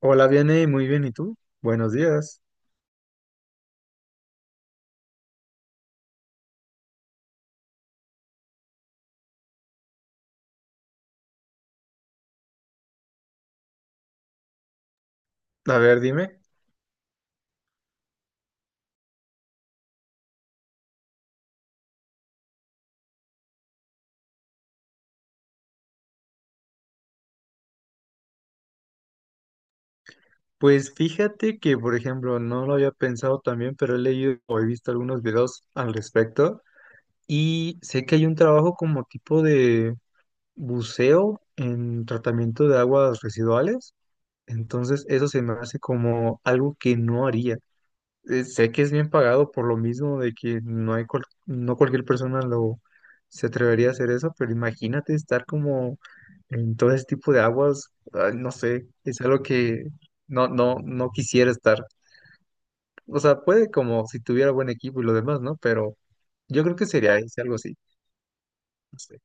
Hola, Vianey, muy bien, ¿y tú? Buenos días. A ver, dime. Pues fíjate que, por ejemplo, no lo había pensado también, pero he leído o he visto algunos videos al respecto y sé que hay un trabajo como tipo de buceo en tratamiento de aguas residuales. Entonces, eso se me hace como algo que no haría. Sé que es bien pagado por lo mismo de que no hay no cualquier persona lo se atrevería a hacer eso, pero imagínate estar como en todo ese tipo de aguas, ay, no sé, es algo que no, no, no quisiera estar. O sea, puede como si tuviera buen equipo y lo demás, ¿no? Pero yo creo que sería ese, algo así, no sé.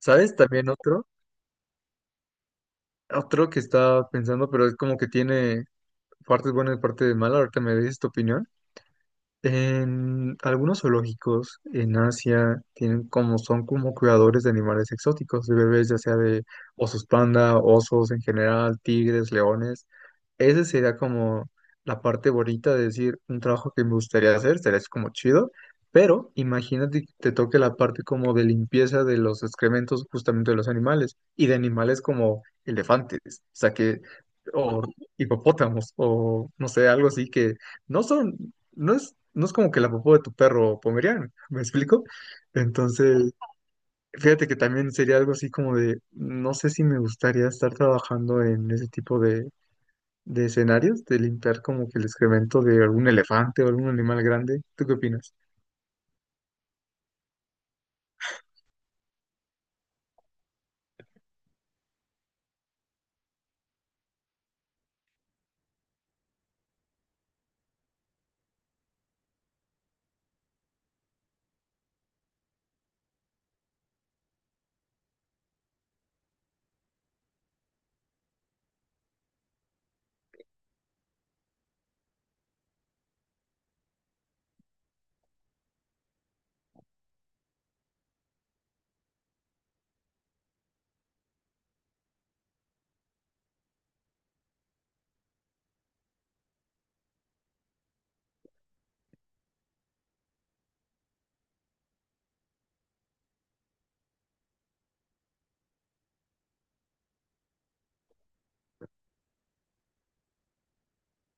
¿Sabes? También otro, otro que estaba pensando, pero es como que tiene partes buenas y partes malas. Ahorita me dices tu opinión. En algunos zoológicos en Asia tienen como son como cuidadores de animales exóticos, de bebés, ya sea de osos panda, osos en general, tigres, leones. Ese sería como la parte bonita de decir un trabajo que me gustaría hacer, sería así como chido, pero imagínate que te toque la parte como de limpieza de los excrementos justamente de los animales y de animales como elefantes, o sea que, o hipopótamos, o no sé, algo así que no son no es, no es como que la popó de tu perro pomeriano, ¿me explico? Entonces, fíjate que también sería algo así como de, no sé si me gustaría estar trabajando en ese tipo de escenarios, de limpiar como que el excremento de algún elefante o algún animal grande. ¿Tú qué opinas?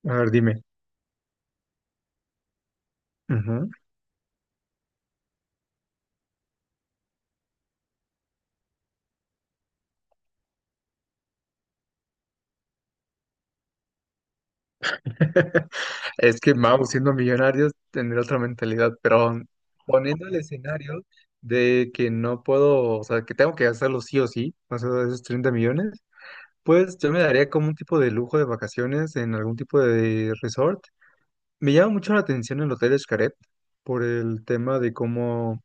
A ver, dime. Ujú. Es que, vamos, siendo millonarios, tener otra mentalidad, pero poniendo el escenario de que no puedo, o sea, que tengo que hacerlo sí o sí, o sea, esos 30 millones, pues yo me daría como un tipo de lujo de vacaciones en algún tipo de resort. Me llama mucho la atención el Hotel Xcaret por el tema de cómo,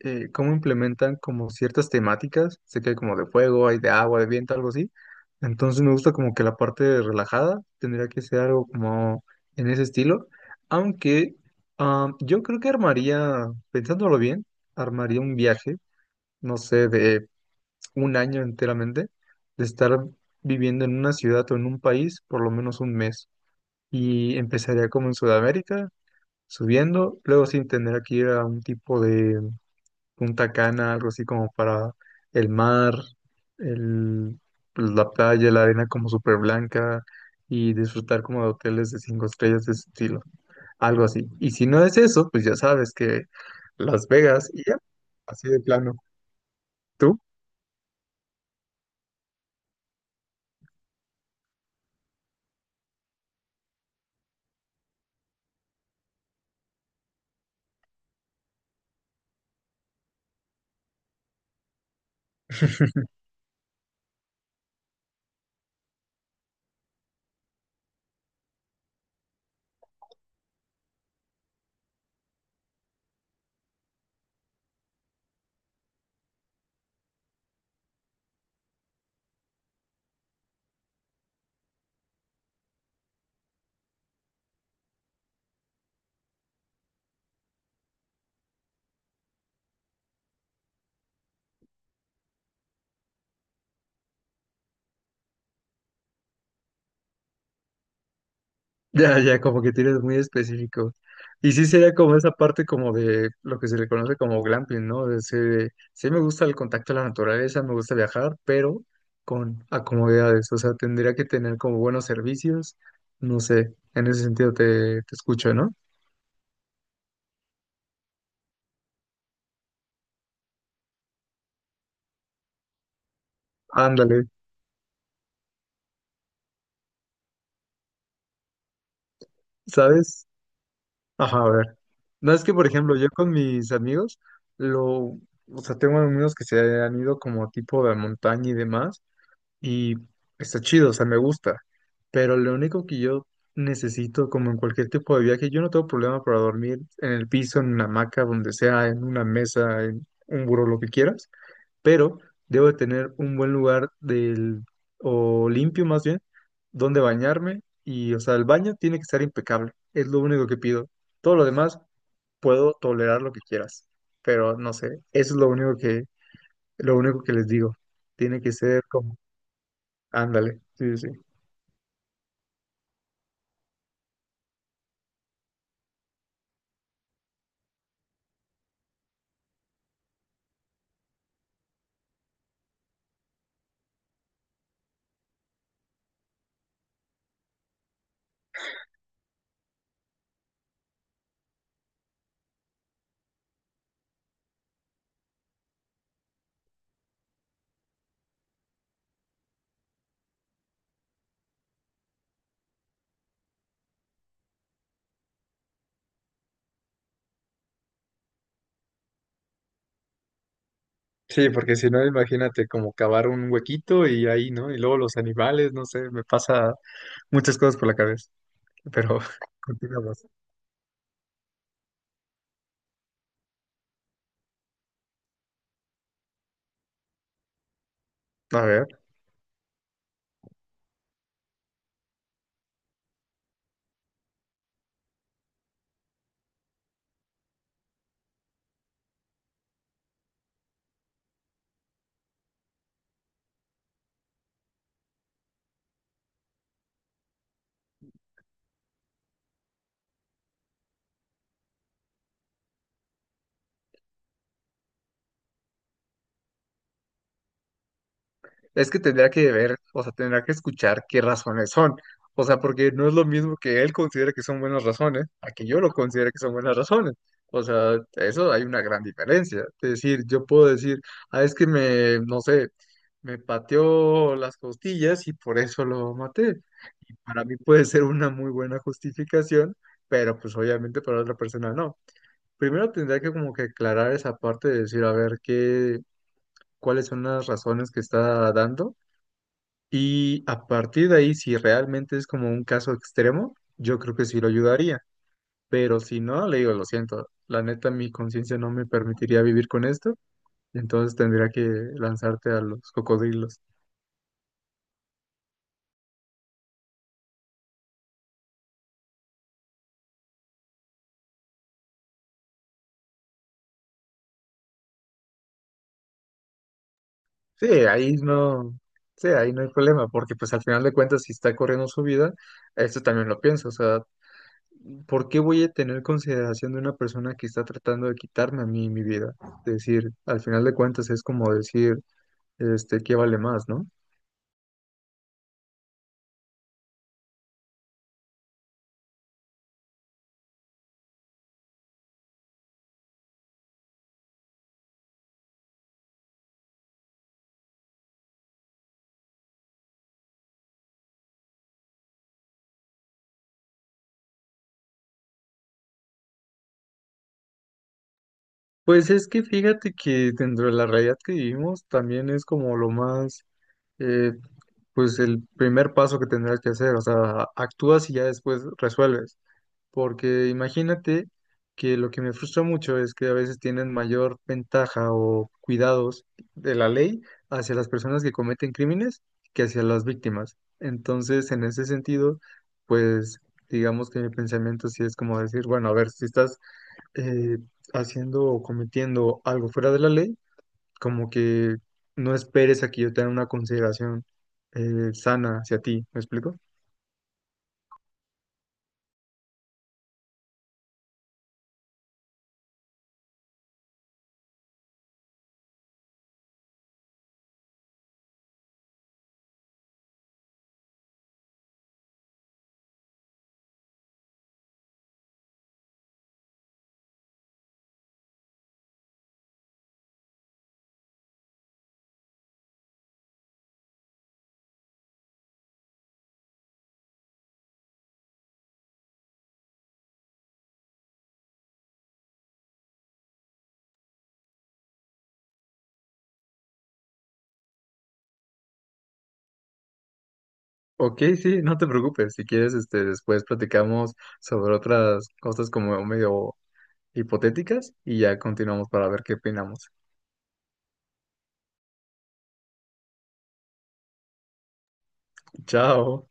cómo implementan como ciertas temáticas. Sé que hay como de fuego, hay de agua, de viento, algo así. Entonces me gusta como que la parte relajada tendría que ser algo como en ese estilo. Aunque ah, yo creo que armaría, pensándolo bien, armaría un viaje, no sé, de un año enteramente de estar viviendo en una ciudad o en un país por lo menos un mes. Y empezaría como en Sudamérica, subiendo, luego sin tener que ir a un tipo de Punta Cana, algo así como para el mar, el, pues, la playa, la arena como súper blanca y disfrutar como de hoteles de cinco estrellas de ese estilo, algo así. Y si no es eso, pues ya sabes que Las Vegas y ya, así de plano. ¿Tú? Ya, ya, como que tienes muy específico. Y sí sería como esa parte como de lo que se le conoce como glamping, ¿no? Sí me gusta el contacto a la naturaleza, me gusta viajar, pero con acomodidades. O sea, tendría que tener como buenos servicios. No sé, en ese sentido te escucho, ¿no? Ándale, ¿sabes? Ajá, a ver. No es que, por ejemplo, yo con mis amigos, lo, o sea, tengo amigos que se han ido como tipo de montaña y demás, y está chido, o sea, me gusta. Pero lo único que yo necesito, como en cualquier tipo de viaje, yo no tengo problema para dormir en el piso, en una hamaca, donde sea, en una mesa, en un buró, lo que quieras, pero debo de tener un buen lugar del, o limpio más bien, donde bañarme y, o sea, el baño tiene que estar impecable, es lo único que pido. Todo lo demás puedo tolerar lo que quieras, pero no sé, eso es lo único que les digo. Tiene que ser como, ándale, sí, sí, sí. Sí, porque si no, imagínate como cavar un huequito y ahí, ¿no? Y luego los animales, no sé, me pasa muchas cosas por la cabeza. Pero continuamos. A ver. Es que tendría que ver, o sea, tendría que escuchar qué razones son. O sea, porque no es lo mismo que él considere que son buenas razones a que yo lo considere que son buenas razones. O sea, eso hay una gran diferencia. Es decir, yo puedo decir, ah, es que me, no sé, me pateó las costillas y por eso lo maté. Y para mí puede ser una muy buena justificación, pero pues obviamente para otra persona no. Primero tendría que como que aclarar esa parte de decir, a ver, qué, cuáles son las razones que está dando y a partir de ahí, si realmente es como un caso extremo, yo creo que sí lo ayudaría. Pero si no, le digo, lo siento, la neta, mi conciencia no me permitiría vivir con esto, entonces tendría que lanzarte a los cocodrilos. Sí, ahí no, sí, ahí no hay problema, porque pues al final de cuentas, si está corriendo su vida, esto también lo pienso, o sea, ¿por qué voy a tener consideración de una persona que está tratando de quitarme a mí mi vida? Es decir, al final de cuentas es como decir, este, ¿qué vale más, no? Pues es que fíjate que dentro de la realidad que vivimos también es como lo más, eh, pues el primer paso que tendrás que hacer, o sea, actúas y ya después resuelves, porque imagínate que lo que me frustra mucho es que a veces tienen mayor ventaja o cuidados de la ley hacia las personas que cometen crímenes que hacia las víctimas. Entonces, en ese sentido, pues digamos que mi pensamiento sí es como decir, bueno, a ver, si estás eh, haciendo o cometiendo algo fuera de la ley, como que no esperes a que yo tenga una consideración, sana hacia ti, ¿me explico? Ok, sí, no te preocupes, si quieres, este, después platicamos sobre otras cosas como medio hipotéticas y ya continuamos para ver qué opinamos. Chao.